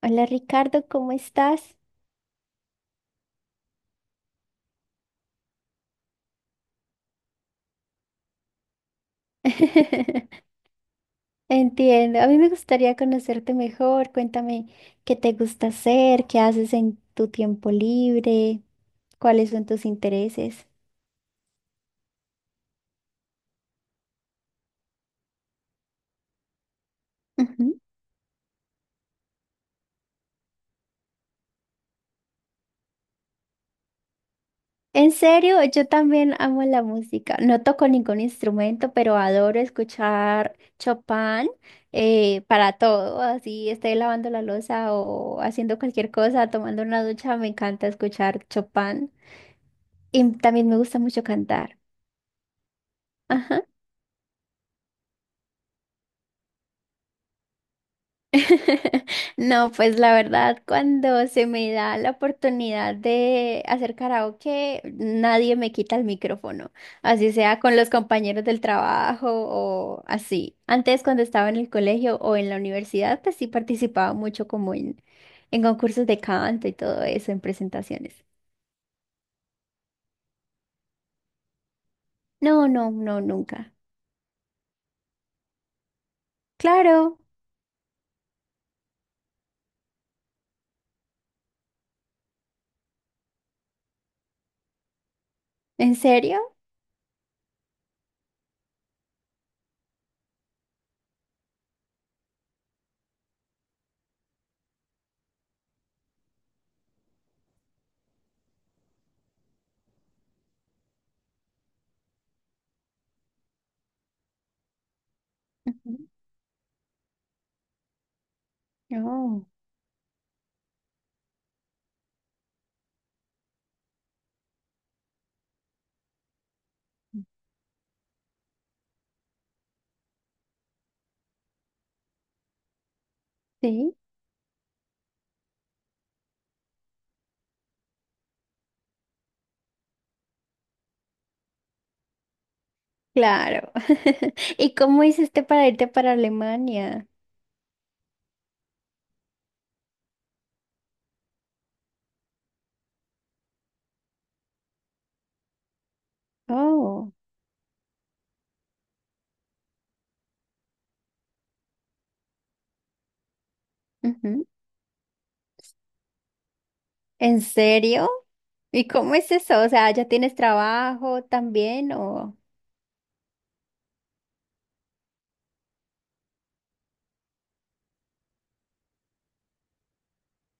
Hola Ricardo, ¿cómo estás? Entiendo, a mí me gustaría conocerte mejor. Cuéntame qué te gusta hacer, qué haces en tu tiempo libre, cuáles son tus intereses. Ujú. En serio, yo también amo la música. No toco ningún instrumento, pero adoro escuchar Chopin para todo. Así esté lavando la loza o haciendo cualquier cosa, tomando una ducha, me encanta escuchar Chopin. Y también me gusta mucho cantar. Ajá. No, pues la verdad, cuando se me da la oportunidad de hacer karaoke, nadie me quita el micrófono, así sea con los compañeros del trabajo o así. Antes, cuando estaba en el colegio o en la universidad, pues sí participaba mucho como en concursos de canto y todo eso, en presentaciones. No, no, no, nunca. Claro, ¿en serio? Ujú. No, sí, claro. ¿Y cómo hiciste para irte para Alemania? Oh, ujú. ¿En serio? ¿Y cómo es eso? O sea, ¿ya tienes trabajo también o...?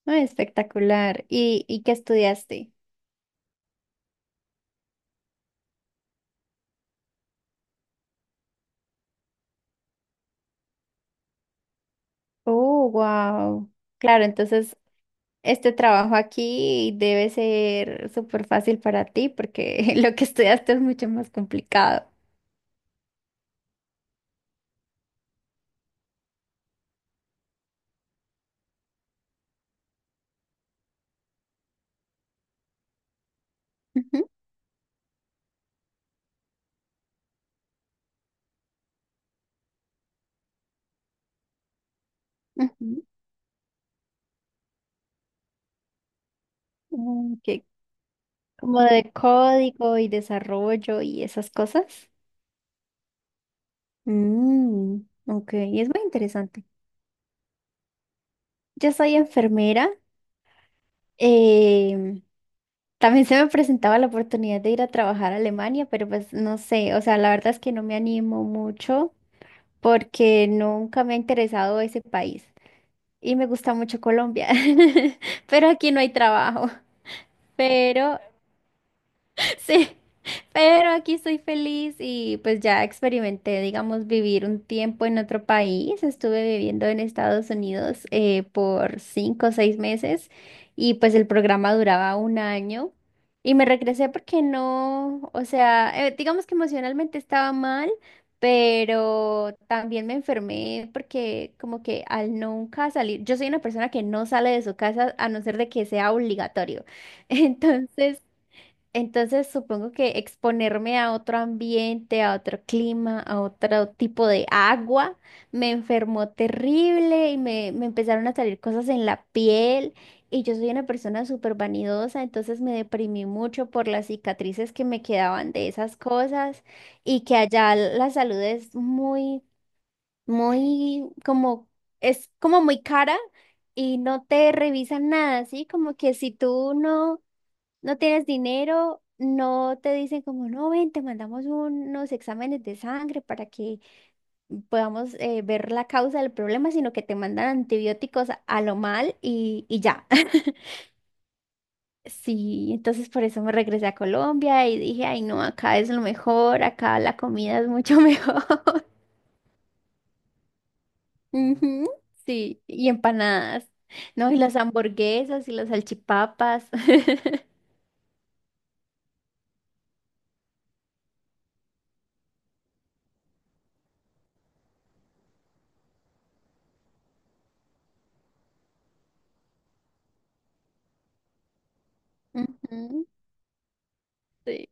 Ay, espectacular. ¿Y qué estudiaste? Oh, wow. Claro, entonces este trabajo aquí debe ser súper fácil para ti porque lo que estudiaste es mucho más complicado. Ujú, ujú. Mm, ¿qué? Como de código y desarrollo y esas cosas. Mm, ok, es muy interesante. Yo soy enfermera. Eh, también se me presentaba la oportunidad de ir a trabajar a Alemania, pero pues no sé, o sea, la verdad es que no me animo mucho porque nunca me ha interesado ese país y me gusta mucho Colombia, pero aquí no hay trabajo. Pero sí, pero aquí estoy feliz y pues ya experimenté, digamos, vivir un tiempo en otro país. Estuve viviendo en Estados Unidos por cinco o seis meses y pues el programa duraba un año y me regresé porque no, o sea, digamos que emocionalmente estaba mal. Pero también me enfermé porque como que al nunca salir, yo soy una persona que no sale de su casa a no ser de que sea obligatorio. Entonces, entonces, supongo que exponerme a otro ambiente, a otro clima, a otro tipo de agua, me enfermó terrible y me empezaron a salir cosas en la piel y yo soy una persona súper vanidosa, entonces me deprimí mucho por las cicatrices que me quedaban de esas cosas y que allá la salud es muy, muy como, es como muy cara y no te revisan nada, así como que si tú no tienes dinero, no te dicen como, no, ven, te mandamos unos exámenes de sangre para que podamos ver la causa del problema, sino que te mandan antibióticos a lo mal y ya. Sí, entonces por eso me regresé a Colombia y dije, ay, no, acá es lo mejor, acá la comida es mucho mejor. Ujú, sí, y empanadas, no, y las hamburguesas y las salchipapas. Ujú, sí,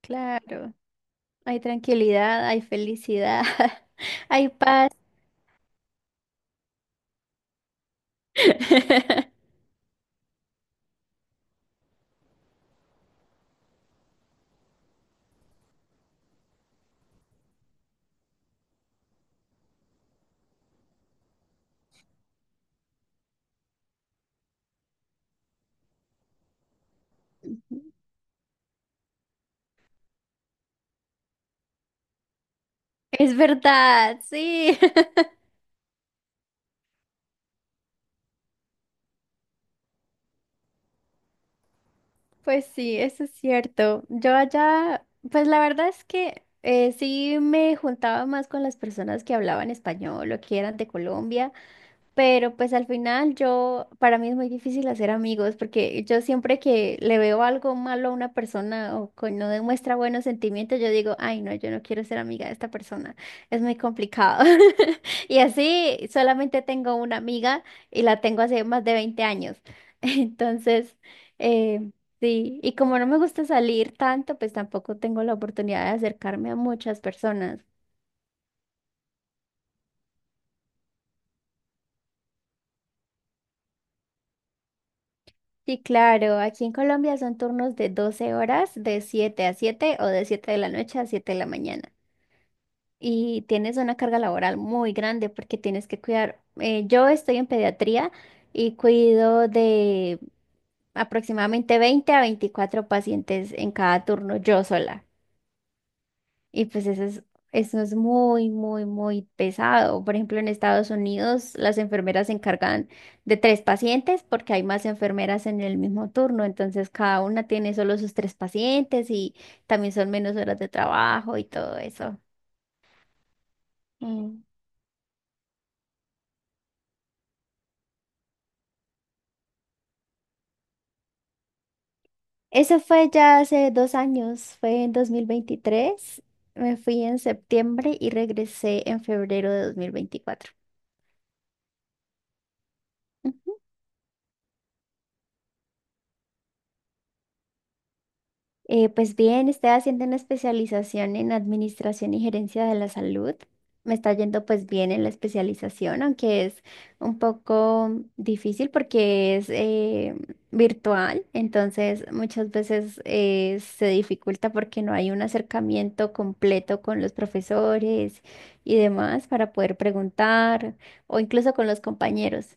claro. Hay tranquilidad, hay felicidad, hay paz. Es verdad, sí. Pues sí, eso es cierto. Yo allá, pues la verdad es que sí me juntaba más con las personas que hablaban español o que eran de Colombia. Pero pues al final yo, para mí es muy difícil hacer amigos porque yo siempre que le veo algo malo a una persona o que no demuestra buenos sentimientos, yo digo, ay no, yo no quiero ser amiga de esta persona, es muy complicado. Y así solamente tengo una amiga y la tengo hace más de 20 años. Entonces, eh, sí, y como no me gusta salir tanto, pues tampoco tengo la oportunidad de acercarme a muchas personas. Sí, claro, aquí en Colombia son turnos de 12 horas, de 7 a 7 o de 7 de la noche a 7 de la mañana. Y tienes una carga laboral muy grande porque tienes que cuidar. Yo estoy en pediatría y cuido de aproximadamente 20 a 24 pacientes en cada turno, yo sola. Y eso es muy, muy, muy pesado. Por ejemplo, en Estados Unidos las enfermeras se encargan de tres pacientes porque hay más enfermeras en el mismo turno. Entonces cada una tiene solo sus tres pacientes y también son menos horas de trabajo y todo eso. Mm. Eso fue ya hace dos años, fue en 2023. Me fui en septiembre y regresé en febrero de 2024. Pues bien, estoy haciendo una especialización en administración y gerencia de la salud. Me está yendo pues bien en la especialización, aunque es un poco difícil porque es virtual, entonces muchas veces se dificulta porque no hay un acercamiento completo con los profesores y demás para poder preguntar o incluso con los compañeros.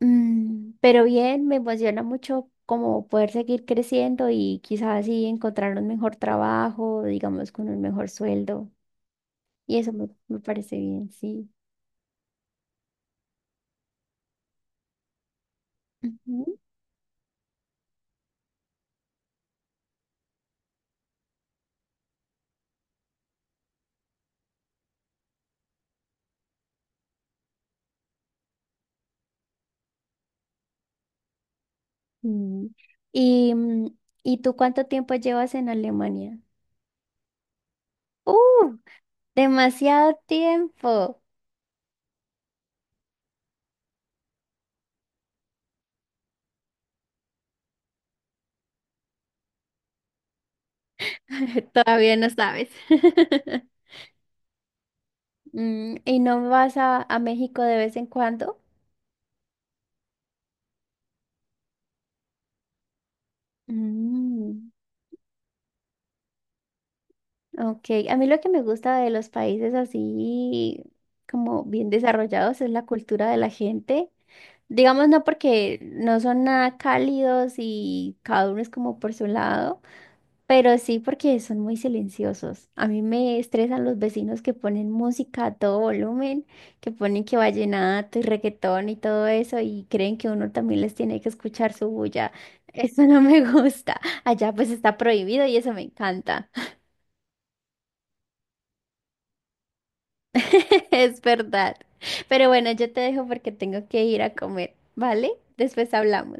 Mm, pero bien, me emociona mucho como poder seguir creciendo y quizás así encontrar un mejor trabajo, digamos, con un mejor sueldo. Y eso me parece bien, sí. Ujú. Mm. ¿Y, mm, ¿y tú cuánto tiempo llevas en Alemania? ¡Uh! Demasiado tiempo. Todavía no sabes. Mm, ¿y no vas a México de vez en cuando? Mm. Ok, a mí lo que me gusta de los países así como bien desarrollados es la cultura de la gente. Digamos, no porque no son nada cálidos y cada uno es como por su lado, pero sí porque son muy silenciosos. A mí me estresan los vecinos que ponen música a todo volumen, que ponen que vallenato y reggaetón y todo eso y creen que uno también les tiene que escuchar su bulla. Eso no me gusta. Allá pues está prohibido y eso me encanta. Es verdad. Pero bueno, yo te dejo porque tengo que ir a comer, ¿vale? Después hablamos.